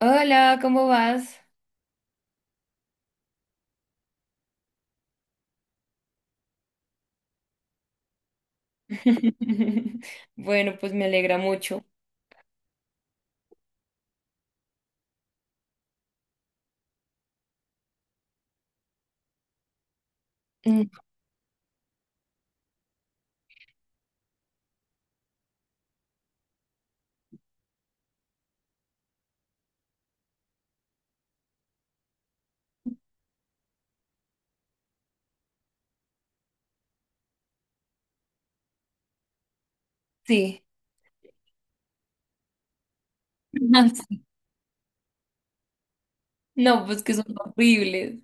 Hola, ¿cómo vas? Bueno, pues me alegra mucho. Sí. Ah, sí. No, pues que son horribles.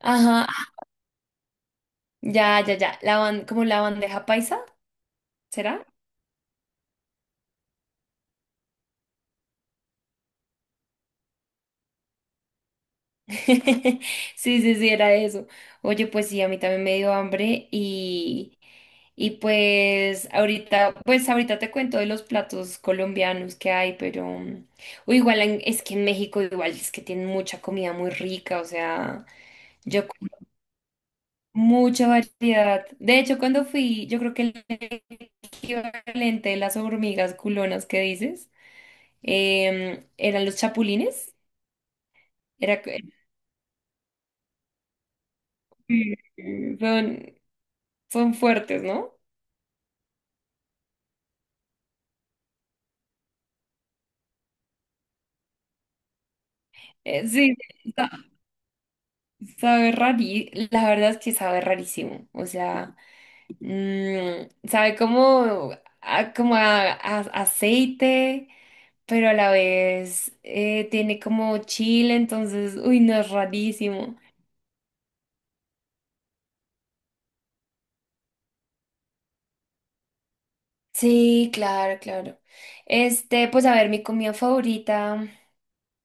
Ajá. Ya, ya, ya. ¿Como la bandeja paisa? ¿Será? Sí, sí, sí, era eso. Oye, pues sí, a mí también me dio hambre, y pues ahorita te cuento de los platos colombianos que hay, pero o es que en México igual es que tienen mucha comida muy rica, o sea, yo mucha variedad. De hecho, cuando fui, yo creo que el equivalente de las hormigas culonas que dices eran los chapulines. Era, que- Mm. Son, son fuertes, ¿no? Sí, sa- sabe la verdad es que sabe rarísimo. O sea, sabe como, a, como a aceite, pero a la vez tiene como chile, entonces, uy, no, es rarísimo. Sí, claro, claro. Este, pues a ver, mi comida favorita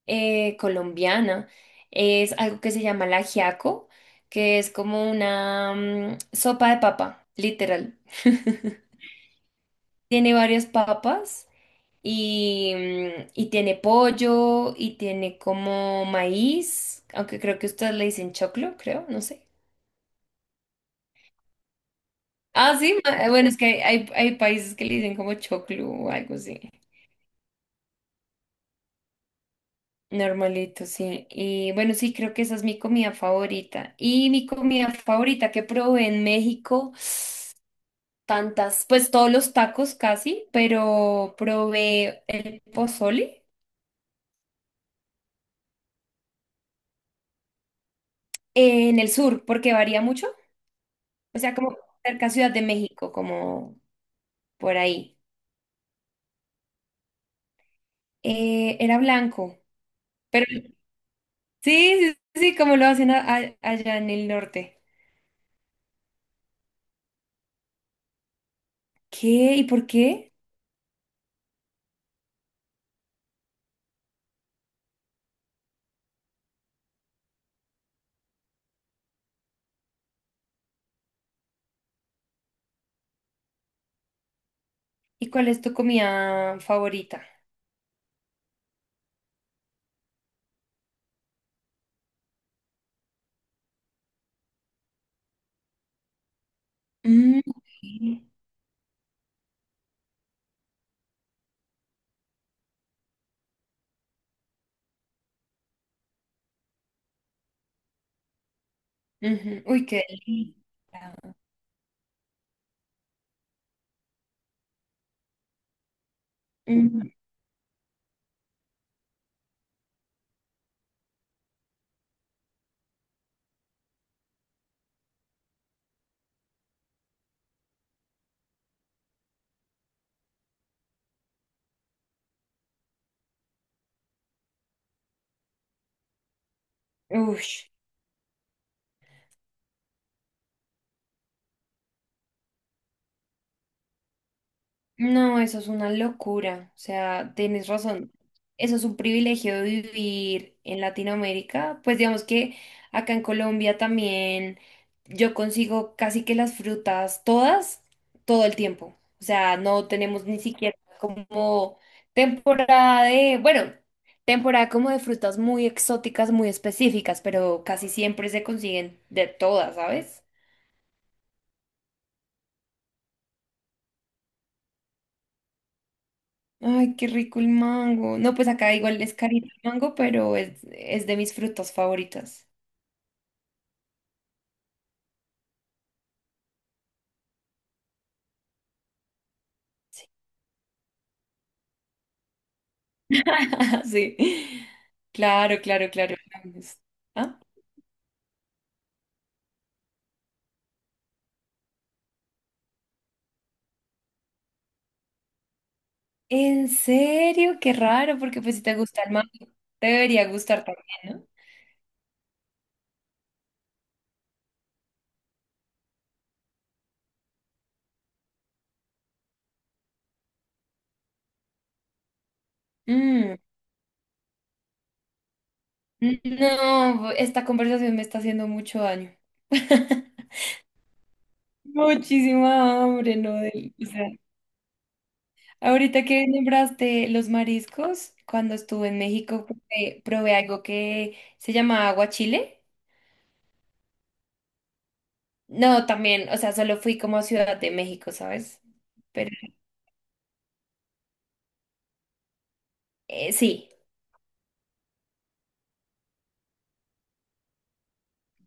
colombiana es algo que se llama la ajiaco, que es como una sopa de papa, literal. Tiene varias papas y y tiene pollo y tiene como maíz, aunque creo que ustedes le dicen choclo, creo, no sé. Ah, sí, bueno, es que hay países que le dicen como choclo o algo así. Normalito, sí. Y bueno, sí, creo que esa es mi comida favorita. Y mi comida favorita que probé en México, tantas, pues todos los tacos casi, pero probé el pozole en el sur, porque varía mucho. O sea, como cerca a Ciudad de México, como por ahí. Era blanco, pero sí, sí, sí, como lo hacen allá en el norte. ¿Qué? ¿Y por qué? ¿Y cuál es tu comida favorita? Mm, ok. Ujú. Uy, qué delicado. Ujú. Ush. No, eso es una locura. O sea, tienes razón. Eso es un privilegio de vivir en Latinoamérica. Pues digamos que acá en Colombia también yo consigo casi que las frutas todas, todo el tiempo. O sea, no tenemos ni siquiera como temporada de, bueno, temporada como de frutas muy exóticas, muy específicas, pero casi siempre se consiguen de todas, ¿sabes? Ay, qué rico el mango. No, pues acá igual es carito el mango, pero es de mis frutas favoritas. Sí. Sí. Claro, claro, claro. ¿Ah? ¿En serio? Qué raro, porque pues si te gusta el mango, te debería gustar también, ¿no? Mm, no, esta conversación me está haciendo mucho daño. Muchísima hambre, ¿no? O sea, ahorita que nombraste los mariscos, cuando estuve en México probé, probé algo que se llama aguachile. No, también, o sea, solo fui como a Ciudad de México, ¿sabes? Pero sí,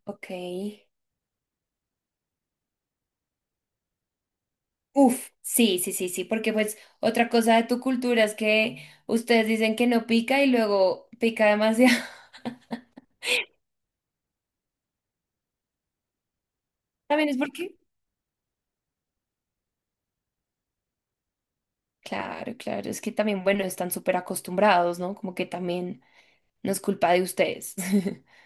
ok. Uf, sí, sí, sí, sí, porque pues otra cosa de tu cultura es que ustedes dicen que no pica y luego pica demasiado. ¿También es porque? Claro, claro, es que también, bueno, están súper acostumbrados, ¿no? Como que también no es culpa de ustedes.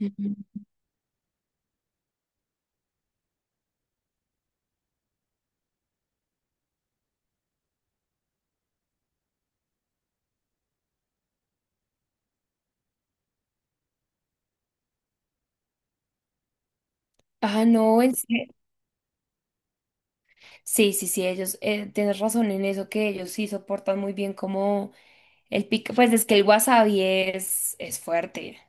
Ujú. Ah, no, en serio. Sí, sí, sí, ellos, tienes razón en eso, que ellos sí soportan muy bien como el pico, pues es que el wasabi es fuerte.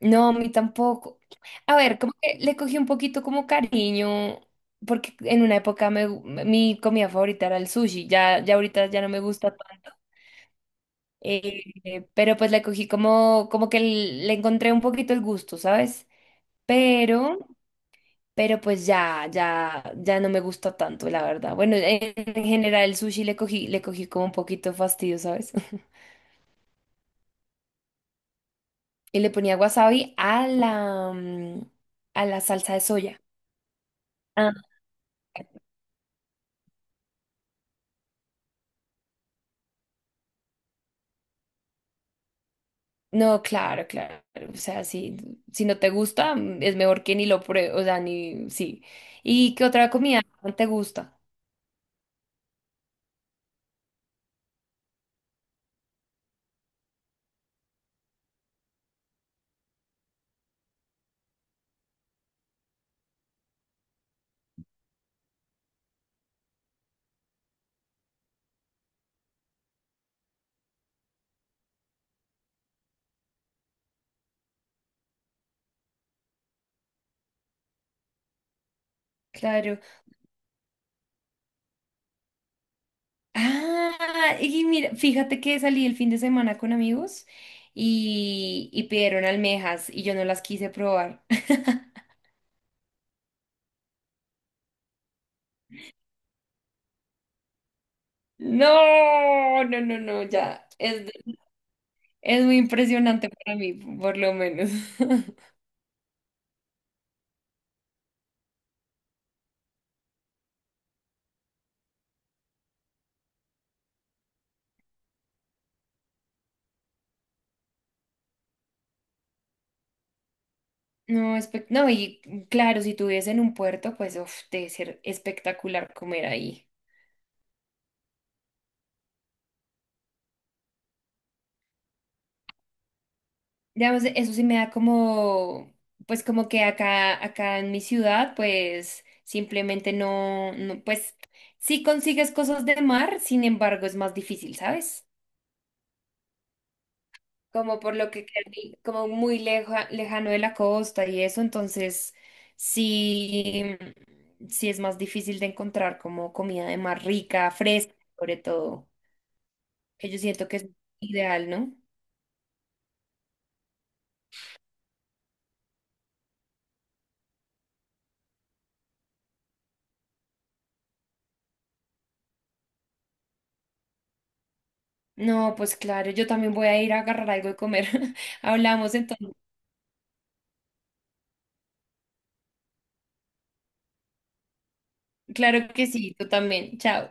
No, a mí tampoco. A ver, como que le cogí un poquito como cariño, porque en una época mi comida favorita era el sushi, ya, ya ahorita ya no me gusta tanto, pero pues le cogí como, como que le encontré un poquito el gusto, ¿sabes? Pero... pero pues ya, ya, ya no me gusta tanto, la verdad. Bueno, en general el sushi le cogí como un poquito de fastidio, ¿sabes? Y le ponía wasabi a a la salsa de soya. Ah. No, claro, claro. O sea, si, si no te gusta, es mejor que ni lo pruebes, o sea, ni, sí. ¿Y qué otra comida no te gusta? Claro. Ah, y mira, fíjate que salí el fin de semana con amigos y pidieron almejas y yo no las quise probar. No, no, no, no, ya. Es muy impresionante para mí, por lo menos. No, no, y claro, si tuviese en un puerto, pues uf, debe ser espectacular comer ahí. Digamos, eso sí me da como, pues como que acá, acá en mi ciudad, pues simplemente no, no, pues sí consigues cosas de mar, sin embargo, es más difícil, ¿sabes? Como por lo que queda como muy lejano de la costa y eso, entonces sí, sí es más difícil de encontrar como comida de mar rica, fresca, sobre todo, que yo siento que es ideal, ¿no? No, pues claro, yo también voy a ir a agarrar algo de comer. Hablamos entonces. Claro que sí, tú también. Chao.